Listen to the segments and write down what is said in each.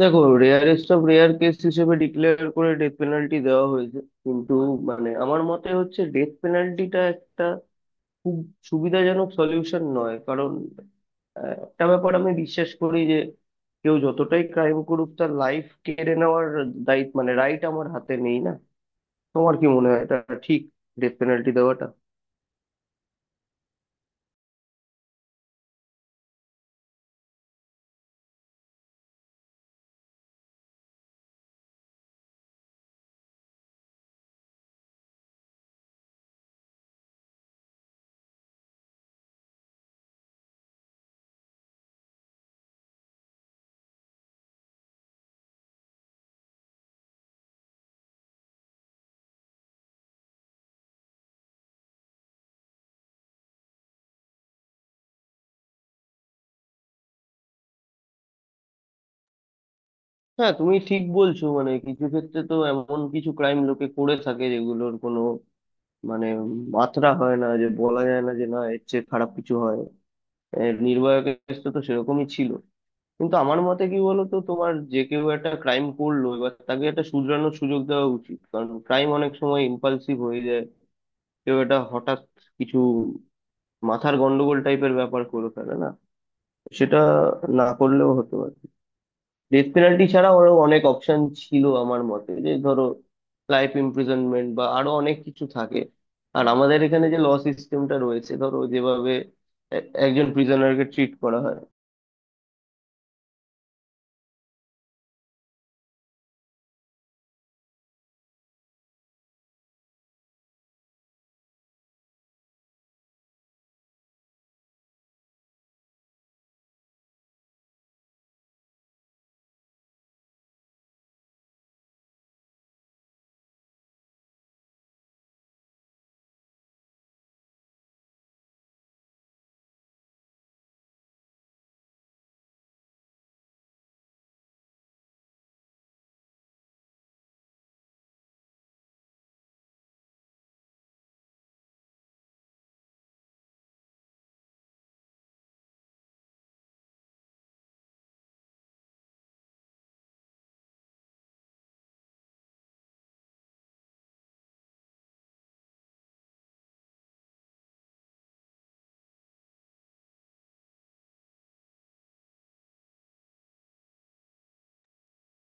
দেখো, rarest of rare case হিসেবে declare করে ডেথ পেনাল্টি দেওয়া হয়েছে। কিন্তু মানে আমার মতে হচ্ছে ডেথ পেনাল্টিটা একটা খুব সুবিধাজনক সলিউশন নয়। কারণ একটা ব্যাপার আমি বিশ্বাস করি যে কেউ যতটাই ক্রাইম করুক, তার লাইফ কেড়ে নেওয়ার দায়িত্ব মানে রাইট আমার হাতে নেই না। তোমার কি মনে হয় এটা ঠিক ডেথ পেনাল্টি দেওয়াটা? হ্যাঁ, তুমি ঠিক বলছো। মানে কিছু ক্ষেত্রে তো এমন কিছু ক্রাইম লোকে করে থাকে যেগুলোর কোনো মানে মাত্রা হয় না, যে বলা যায় না যে না এর চেয়ে খারাপ কিছু হয়। এর নির্ভয়া কেসটা তো সেরকমই ছিল। কিন্তু আমার মতে কি বলতো তোমার, যে কেউ একটা ক্রাইম করলো, এবার তাকে একটা শুধরানোর সুযোগ দেওয়া উচিত, কারণ ক্রাইম অনেক সময় ইম্পালসিভ হয়ে যায়। কেউ একটা হঠাৎ কিছু মাথার গন্ডগোল টাইপের ব্যাপার করে ফেলে না, সেটা না করলেও হতো। ডেথ পেনাল্টি ছাড়া আরো অনেক অপশন ছিল আমার মতে। যে ধরো লাইফ ইমপ্রিজনমেন্ট বা আরো অনেক কিছু থাকে। আর আমাদের এখানে যে ল সিস্টেমটা রয়েছে, ধরো যেভাবে একজন প্রিজনারকে ট্রিট করা হয়।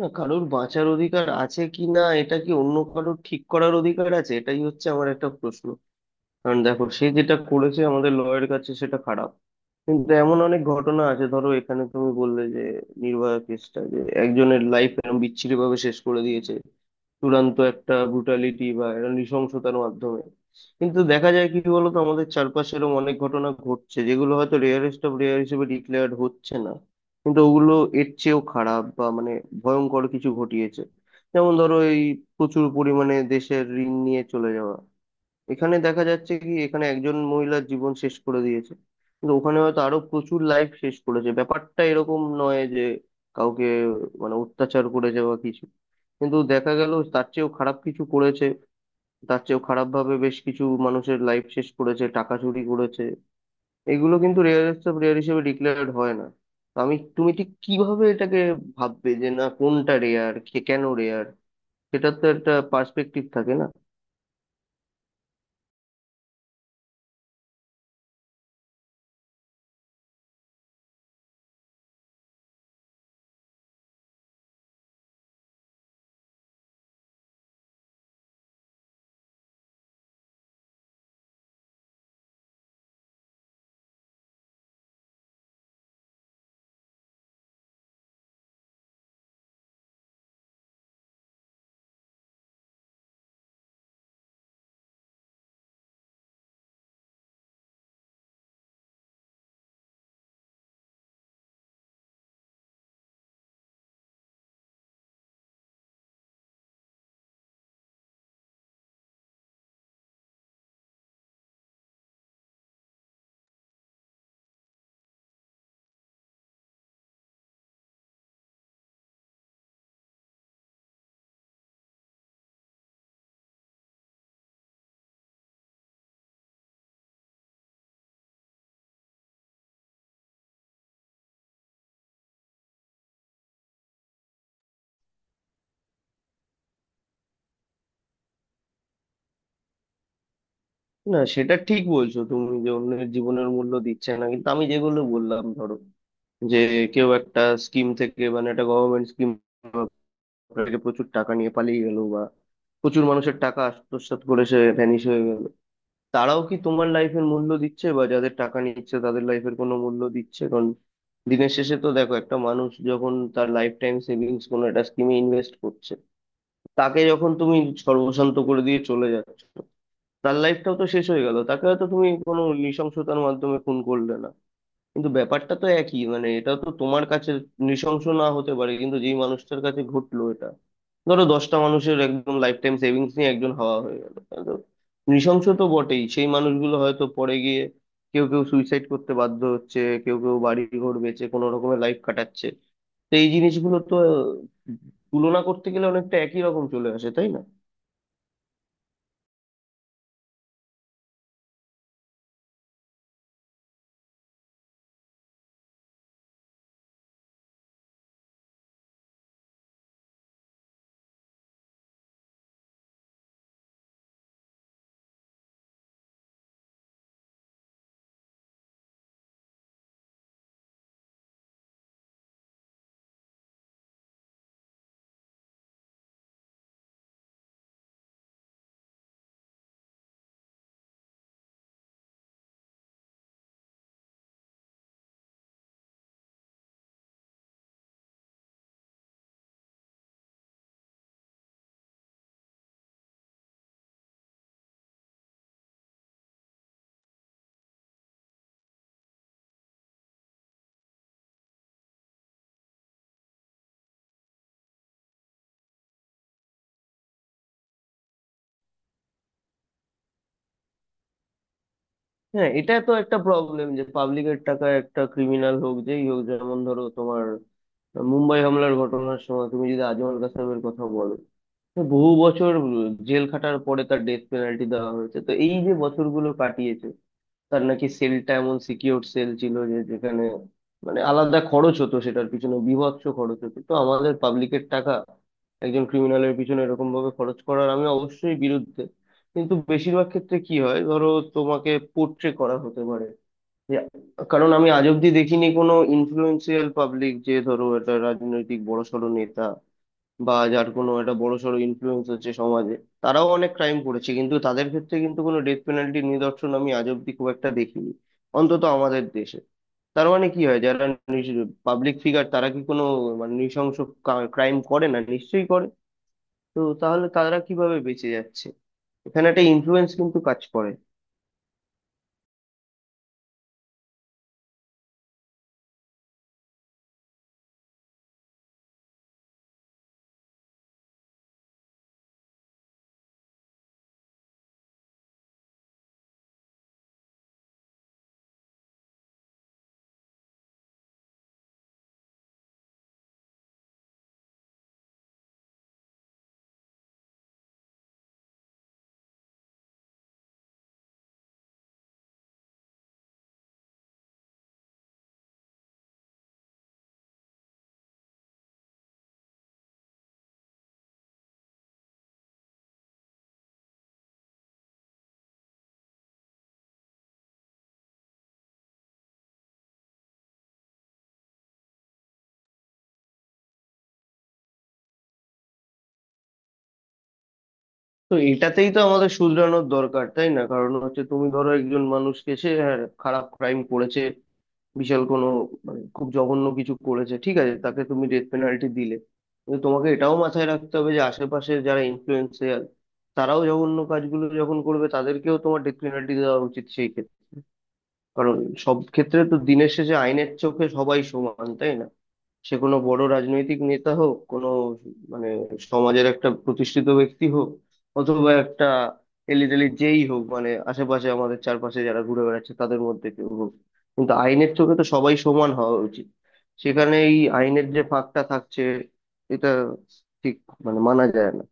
না, কারোর বাঁচার অধিকার আছে কি না এটা কি অন্য কারোর ঠিক করার অধিকার আছে? এটাই হচ্ছে আমার একটা প্রশ্ন। কারণ দেখো, সে যেটা করেছে আমাদের লয়ের কাছে সেটা খারাপ। কিন্তু এমন অনেক ঘটনা আছে, ধরো এখানে তুমি বললে যে নির্ভয়া কেসটা, যে একজনের লাইফ এরকম বিচ্ছিরি ভাবে শেষ করে দিয়েছে চূড়ান্ত একটা ব্রুটালিটি বা একটা নৃশংসতার মাধ্যমে। কিন্তু দেখা যায় কি বলতো, আমাদের চারপাশে এরকম অনেক ঘটনা ঘটছে যেগুলো হয়তো রেয়ারেস্ট অফ রেয়ার হিসেবে ডিক্লেয়ার্ড হচ্ছে না, কিন্তু ওগুলো এর চেয়েও খারাপ বা মানে ভয়ঙ্কর কিছু ঘটিয়েছে। যেমন ধরো এই প্রচুর পরিমাণে দেশের ঋণ নিয়ে চলে যাওয়া। এখানে দেখা যাচ্ছে কি এখানে একজন মহিলার জীবন শেষ করে দিয়েছে, কিন্তু ওখানে হয়তো আরো প্রচুর লাইফ শেষ করেছে। ব্যাপারটা এরকম নয় যে কাউকে মানে অত্যাচার করেছে বা কিছু, কিন্তু দেখা গেল তার চেয়েও খারাপ কিছু করেছে। তার চেয়েও খারাপ ভাবে বেশ কিছু মানুষের লাইফ শেষ করেছে, টাকা চুরি করেছে। এগুলো কিন্তু রেয়ারেস্ট অফ রেয়ার হিসেবে ডিক্লেয়ার্ড হয় না। তো আমি তুমি ঠিক কিভাবে এটাকে ভাববে যে না কোনটা রেয়ার, কে কেন রেয়ার? সেটার তো একটা পার্সপেক্টিভ থাকে না। না, সেটা ঠিক বলছো তুমি যে অন্যের জীবনের মূল্য দিচ্ছে না। কিন্তু আমি যেগুলো বললাম, ধরো যে কেউ একটা স্কিম থেকে মানে একটা গভর্নমেন্ট স্কিম থেকে প্রচুর টাকা নিয়ে পালিয়ে গেল, বা প্রচুর মানুষের টাকা আত্মসাৎ করে সে ভ্যানিশ হয়ে গেল, তারাও কি তোমার লাইফের মূল্য দিচ্ছে, বা যাদের টাকা নিচ্ছে তাদের লাইফের কোনো মূল্য দিচ্ছে? কারণ দিনের শেষে তো দেখো, একটা মানুষ যখন তার লাইফ টাইম সেভিংস কোনো একটা স্কিমে ইনভেস্ট করছে, তাকে যখন তুমি সর্বশান্ত করে দিয়ে চলে যাচ্ছ, তার লাইফটাও তো শেষ হয়ে গেল। তাকে হয়তো তুমি কোনো নৃশংসতার মাধ্যমে খুন করলে না, কিন্তু ব্যাপারটা তো একই। মানে এটা তো তোমার কাছে নৃশংস না হতে পারে, কিন্তু যেই মানুষটার কাছে ঘটলো এটা, ধরো দশটা মানুষের একদম লাইফ টাইম সেভিংস নিয়ে একজন হাওয়া হয়ে গেল, তাহলে তো নৃশংস তো বটেই। সেই মানুষগুলো হয়তো পরে গিয়ে কেউ কেউ সুইসাইড করতে বাধ্য হচ্ছে, কেউ কেউ বাড়ি ঘর বেচে কোনো রকমের লাইফ কাটাচ্ছে। তো এই জিনিসগুলো তো তুলনা করতে গেলে অনেকটা একই রকম চলে আসে, তাই না? হ্যাঁ, এটা তো একটা প্রবলেম যে পাবলিকের টাকা একটা ক্রিমিনাল হোক যেই হোক, যেমন ধরো তোমার মুম্বাই হামলার ঘটনার সময় তুমি যদি আজমল কাসাবের কথা বলো, তো বহু বছর জেল খাটার পরে তার ডেথ পেনাল্টি দেওয়া হয়েছে। তো এই যে বছরগুলো কাটিয়েছে, তার নাকি সেলটা এমন সিকিউর সেল ছিল যে যেখানে মানে আলাদা খরচ হতো, সেটার পিছনে বীভৎস খরচ হতো। তো আমাদের পাবলিকের টাকা একজন ক্রিমিনালের পিছনে এরকম ভাবে খরচ করার আমি অবশ্যই বিরুদ্ধে। কিন্তু বেশিরভাগ ক্ষেত্রে কি হয়, ধরো তোমাকে পোট্রে করা হতে পারে যে কারণ আমি আজ অব্দি দেখিনি কোনো ইনফ্লুয়েন্সিয়াল পাবলিক, যে ধরো একটা রাজনৈতিক বড়সড় নেতা, বা যার কোনো একটা বড়সড় ইনফ্লুয়েন্স হচ্ছে সমাজে, তারাও অনেক ক্রাইম করেছে, কিন্তু তাদের ক্ষেত্রে কিন্তু কোনো ডেথ পেনাল্টির নিদর্শন আমি আজ অব্দি খুব একটা দেখিনি, অন্তত আমাদের দেশে। তার মানে কি হয়, যারা পাবলিক ফিগার তারা কি কোনো মানে নৃশংস ক্রাইম করে না? নিশ্চয়ই করে। তো তাহলে তারা কিভাবে বেঁচে যাচ্ছে? এখানে একটা ইনফ্লুয়েন্স কিন্তু কাজ করে। তো এটাতেই তো আমাদের শুধরানোর দরকার, তাই না? কারণ হচ্ছে তুমি ধরো একজন মানুষকে, সে হ্যাঁ, খারাপ ক্রাইম করেছে, বিশাল কোনো মানে খুব জঘন্য কিছু করেছে, ঠিক আছে, তাকে তুমি ডেথ পেনাল্টি দিলে, কিন্তু তোমাকে এটাও মাথায় রাখতে হবে যে আশেপাশে যারা ইনফ্লুয়েন্সার, তারাও জঘন্য কাজগুলো যখন করবে, তাদেরকেও তোমার ডেথ পেনাল্টি দেওয়া উচিত সেই ক্ষেত্রে। কারণ সব ক্ষেত্রে তো দিনের শেষে আইনের চোখে সবাই সমান, তাই না? সে কোনো বড় রাজনৈতিক নেতা হোক, কোনো মানে সমাজের একটা প্রতিষ্ঠিত ব্যক্তি হোক, অথবা একটা এলিটেলি যেই হোক, মানে আশেপাশে আমাদের চারপাশে যারা ঘুরে বেড়াচ্ছে তাদের মধ্যে কেউ হোক, কিন্তু আইনের চোখে তো সবাই সমান হওয়া উচিত। সেখানে এই আইনের যে ফাঁকটা থাকছে এটা ঠিক মানে মানা যায় না।